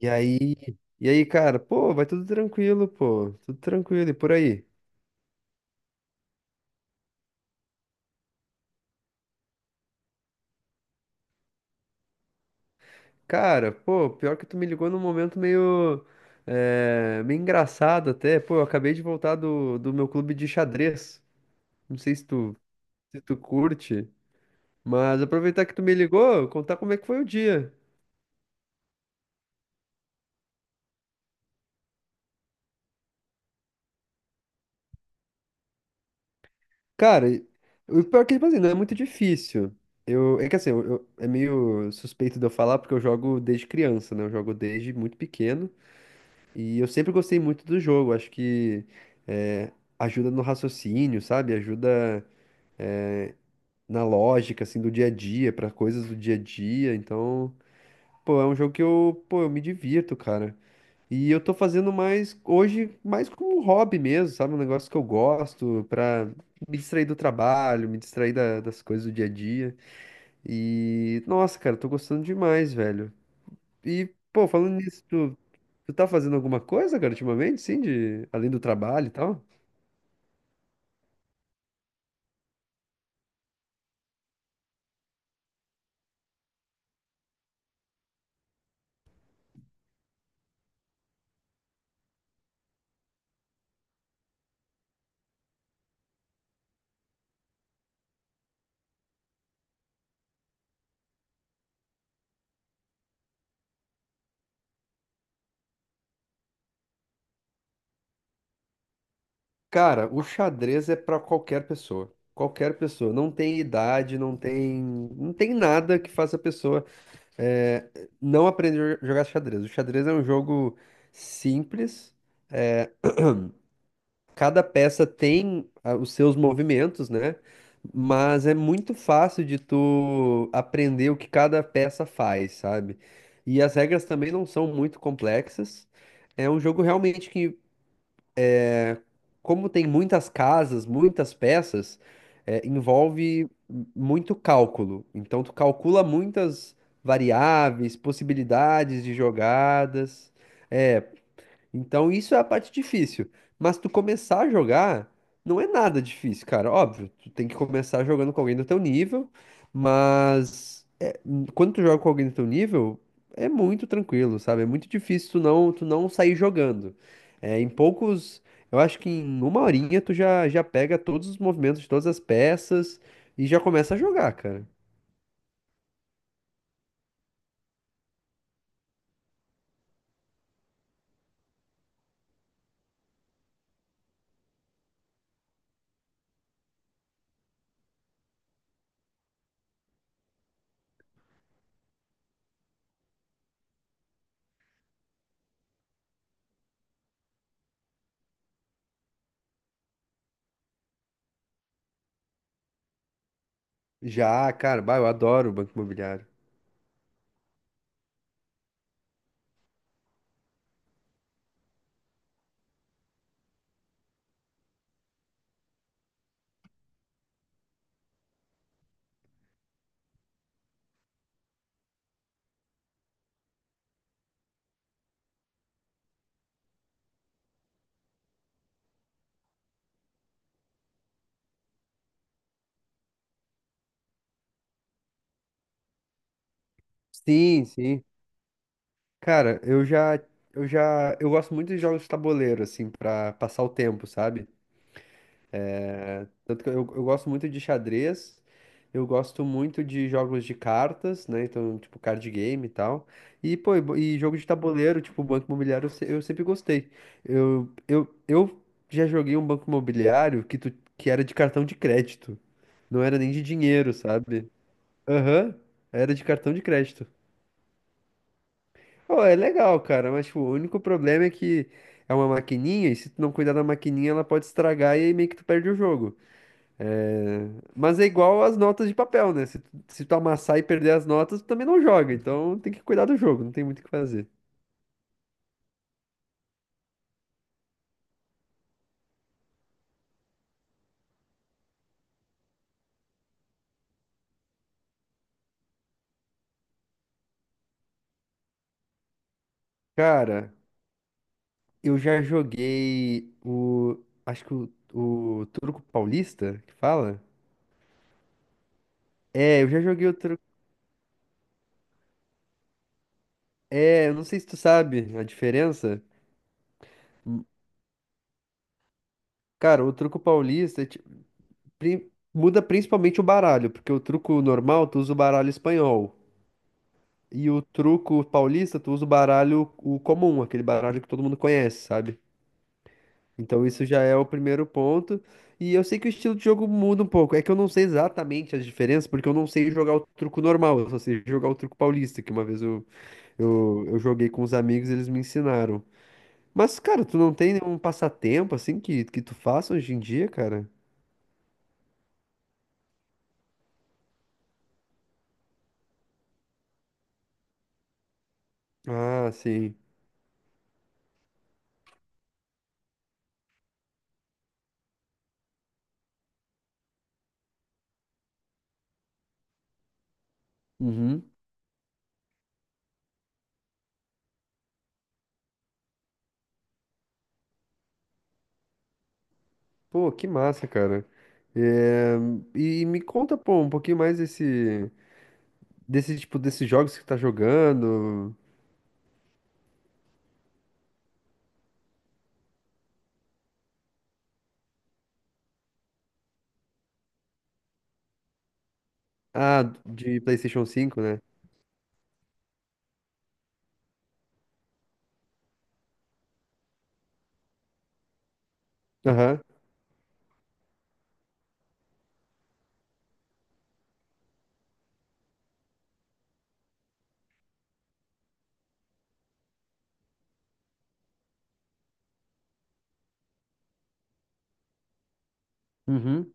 E aí, e aí, cara, pô, vai tudo tranquilo, pô, tudo tranquilo, e por aí? Cara, pô, pior que tu me ligou num momento meio, meio engraçado até, pô, eu acabei de voltar do meu clube de xadrez, não sei se tu, se tu curte, mas aproveitar que tu me ligou, contar como é que foi o dia. Cara, o pior é que, tipo assim, não é muito difícil, eu, é que assim, eu, é meio suspeito de eu falar porque eu jogo desde criança, né, eu jogo desde muito pequeno. E eu sempre gostei muito do jogo, acho que eh, ajuda no raciocínio, sabe? Ajuda na lógica, assim, do dia a dia, para coisas do dia a dia. Então, pô, é um jogo que eu, pô, eu me divirto, cara. E eu tô fazendo mais, hoje, mais como um hobby mesmo, sabe? Um negócio que eu gosto, pra me distrair do trabalho, me distrair das coisas do dia a dia. E, nossa, cara, tô gostando demais, velho. E, pô, falando nisso, tu tá fazendo alguma coisa, cara, ultimamente, sim, de, além do trabalho e tal? Cara, o xadrez é pra qualquer pessoa. Qualquer pessoa. Não tem idade, não tem, não tem nada que faça a pessoa é, não aprender a jogar xadrez. O xadrez é um jogo simples. Cada peça tem ah, os seus movimentos, né? Mas é muito fácil de tu aprender o que cada peça faz, sabe? E as regras também não são muito complexas. É um jogo realmente que como tem muitas casas, muitas peças, envolve muito cálculo. Então, tu calcula muitas variáveis, possibilidades de jogadas. É, então isso é a parte difícil. Mas tu começar a jogar não é nada difícil, cara. Óbvio, tu tem que começar jogando com alguém do teu nível, mas é, quando tu joga com alguém do teu nível, é muito tranquilo, sabe? É muito difícil tu não sair jogando. É, em poucos, eu acho que em uma horinha tu já, já pega todos os movimentos de todas as peças e já começa a jogar, cara. Já, cara, bah, eu adoro o Banco Imobiliário. Sim, sim. Cara, eu já, eu gosto muito de jogos de tabuleiro, assim, pra passar o tempo, sabe? Tanto que eu gosto muito de xadrez, eu gosto muito de jogos de cartas, né? Então, tipo, card game e tal. E, pô, e jogo de tabuleiro, tipo, Banco Imobiliário, eu, eu sempre gostei. Eu já joguei um Banco Imobiliário que, tu, que era de cartão de crédito. Não era nem de dinheiro, sabe? Aham, era de cartão de crédito. Pô, é legal, cara, mas tipo, o único problema é que é uma maquininha e se tu não cuidar da maquininha ela pode estragar e aí meio que tu perde o jogo. É, mas é igual as notas de papel, né? Se tu, se tu amassar e perder as notas, tu também não joga, então tem que cuidar do jogo, não tem muito o que fazer. Cara, eu já joguei o. Acho que o truco Paulista, que fala? É, eu já joguei o truco. É, eu não sei se tu sabe a diferença. Hum, Cara, o Truco Paulista é muda principalmente o baralho, porque o truco normal tu usa o baralho espanhol. E o truco paulista, tu usa o baralho o comum, aquele baralho que todo mundo conhece, sabe? Então isso já é o primeiro ponto. E eu sei que o estilo de jogo muda um pouco. É que eu não sei exatamente as diferenças, porque eu não sei jogar o truco normal, eu só sei jogar o truco paulista, que uma vez eu, eu joguei com os amigos e eles me ensinaram. Mas, cara, tu não tem nenhum passatempo assim que tu faça hoje em dia, cara? Ah, sim. Uhum. Pô, que massa, cara. É, e me conta, pô, um pouquinho mais desse, desse tipo, desses jogos que você tá jogando. Ah, de PlayStation cinco, né? Aham. Uhum.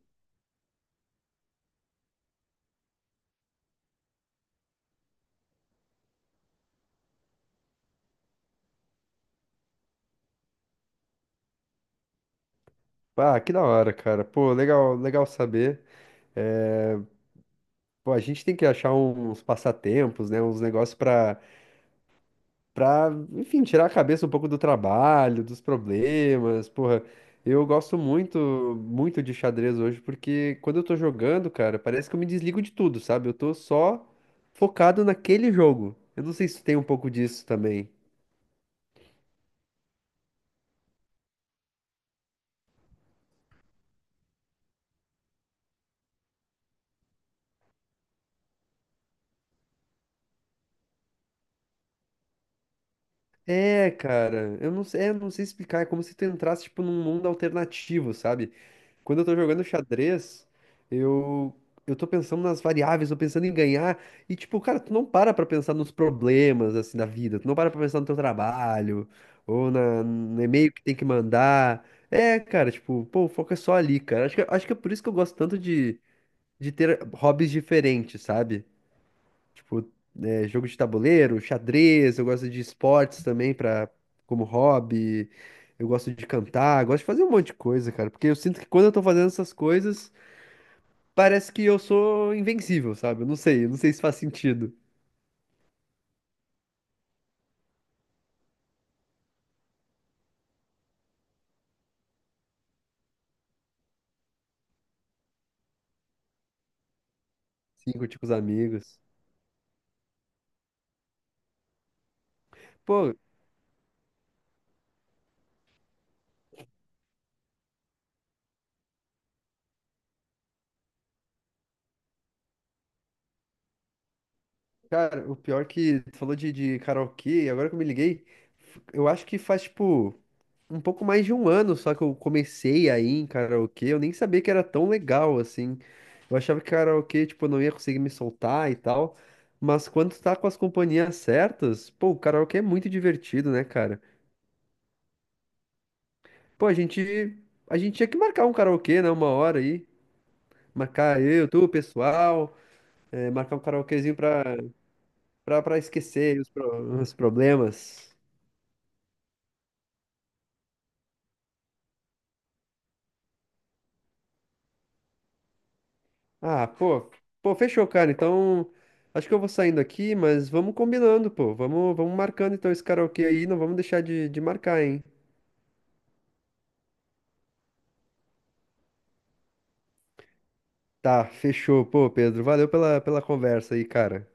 Ah, que da hora, cara. Pô, legal, legal saber. É, pô, a gente tem que achar uns passatempos, né? Uns negócios pra pra, enfim, tirar a cabeça um pouco do trabalho, dos problemas, porra. Eu gosto muito, muito de xadrez hoje, porque quando eu tô jogando, cara, parece que eu me desligo de tudo, sabe? Eu tô só focado naquele jogo. Eu não sei se tem um pouco disso também. É, cara, eu não sei, é, eu não sei explicar, é como se tu entrasse, tipo, num mundo alternativo, sabe? Quando eu tô jogando xadrez, eu, eu tô pensando nas variáveis, tô pensando em ganhar. E, tipo, cara, tu não para pra pensar nos problemas, assim, da vida. Tu não para pra pensar no teu trabalho, ou na, no e-mail que tem que mandar. É, cara, tipo, pô, o foco é só ali, cara. Acho que é por isso que eu gosto tanto de ter hobbies diferentes, sabe? Tipo, é, jogo de tabuleiro, xadrez, eu gosto de esportes também pra, como hobby. Eu gosto de cantar, gosto de fazer um monte de coisa, cara. Porque eu sinto que quando eu tô fazendo essas coisas, parece que eu sou invencível, sabe? Eu não sei se faz sentido. Sim, curtir com os amigos. Pô, cara, o pior que tu falou de karaokê, agora que eu me liguei, eu acho que faz, tipo, um pouco mais de um ano só que eu comecei aí em karaokê, eu nem sabia que era tão legal assim. Eu achava que karaokê, tipo, eu não ia conseguir me soltar e tal. Mas quando tu tá com as companhias certas, pô, o karaokê é muito divertido, né, cara? Pô, a gente tinha que marcar um karaokê, né, uma hora aí. Marcar eu, tu, o pessoal, marcar um karaokezinho pra, pra, pra esquecer os, os problemas. Ah, pô, pô, fechou, cara. Então, acho que eu vou saindo aqui, mas vamos combinando, pô. Vamos, vamos marcando então esse karaokê aí, não vamos deixar de marcar, hein? Tá, fechou, pô, Pedro. Valeu pela, pela conversa aí, cara.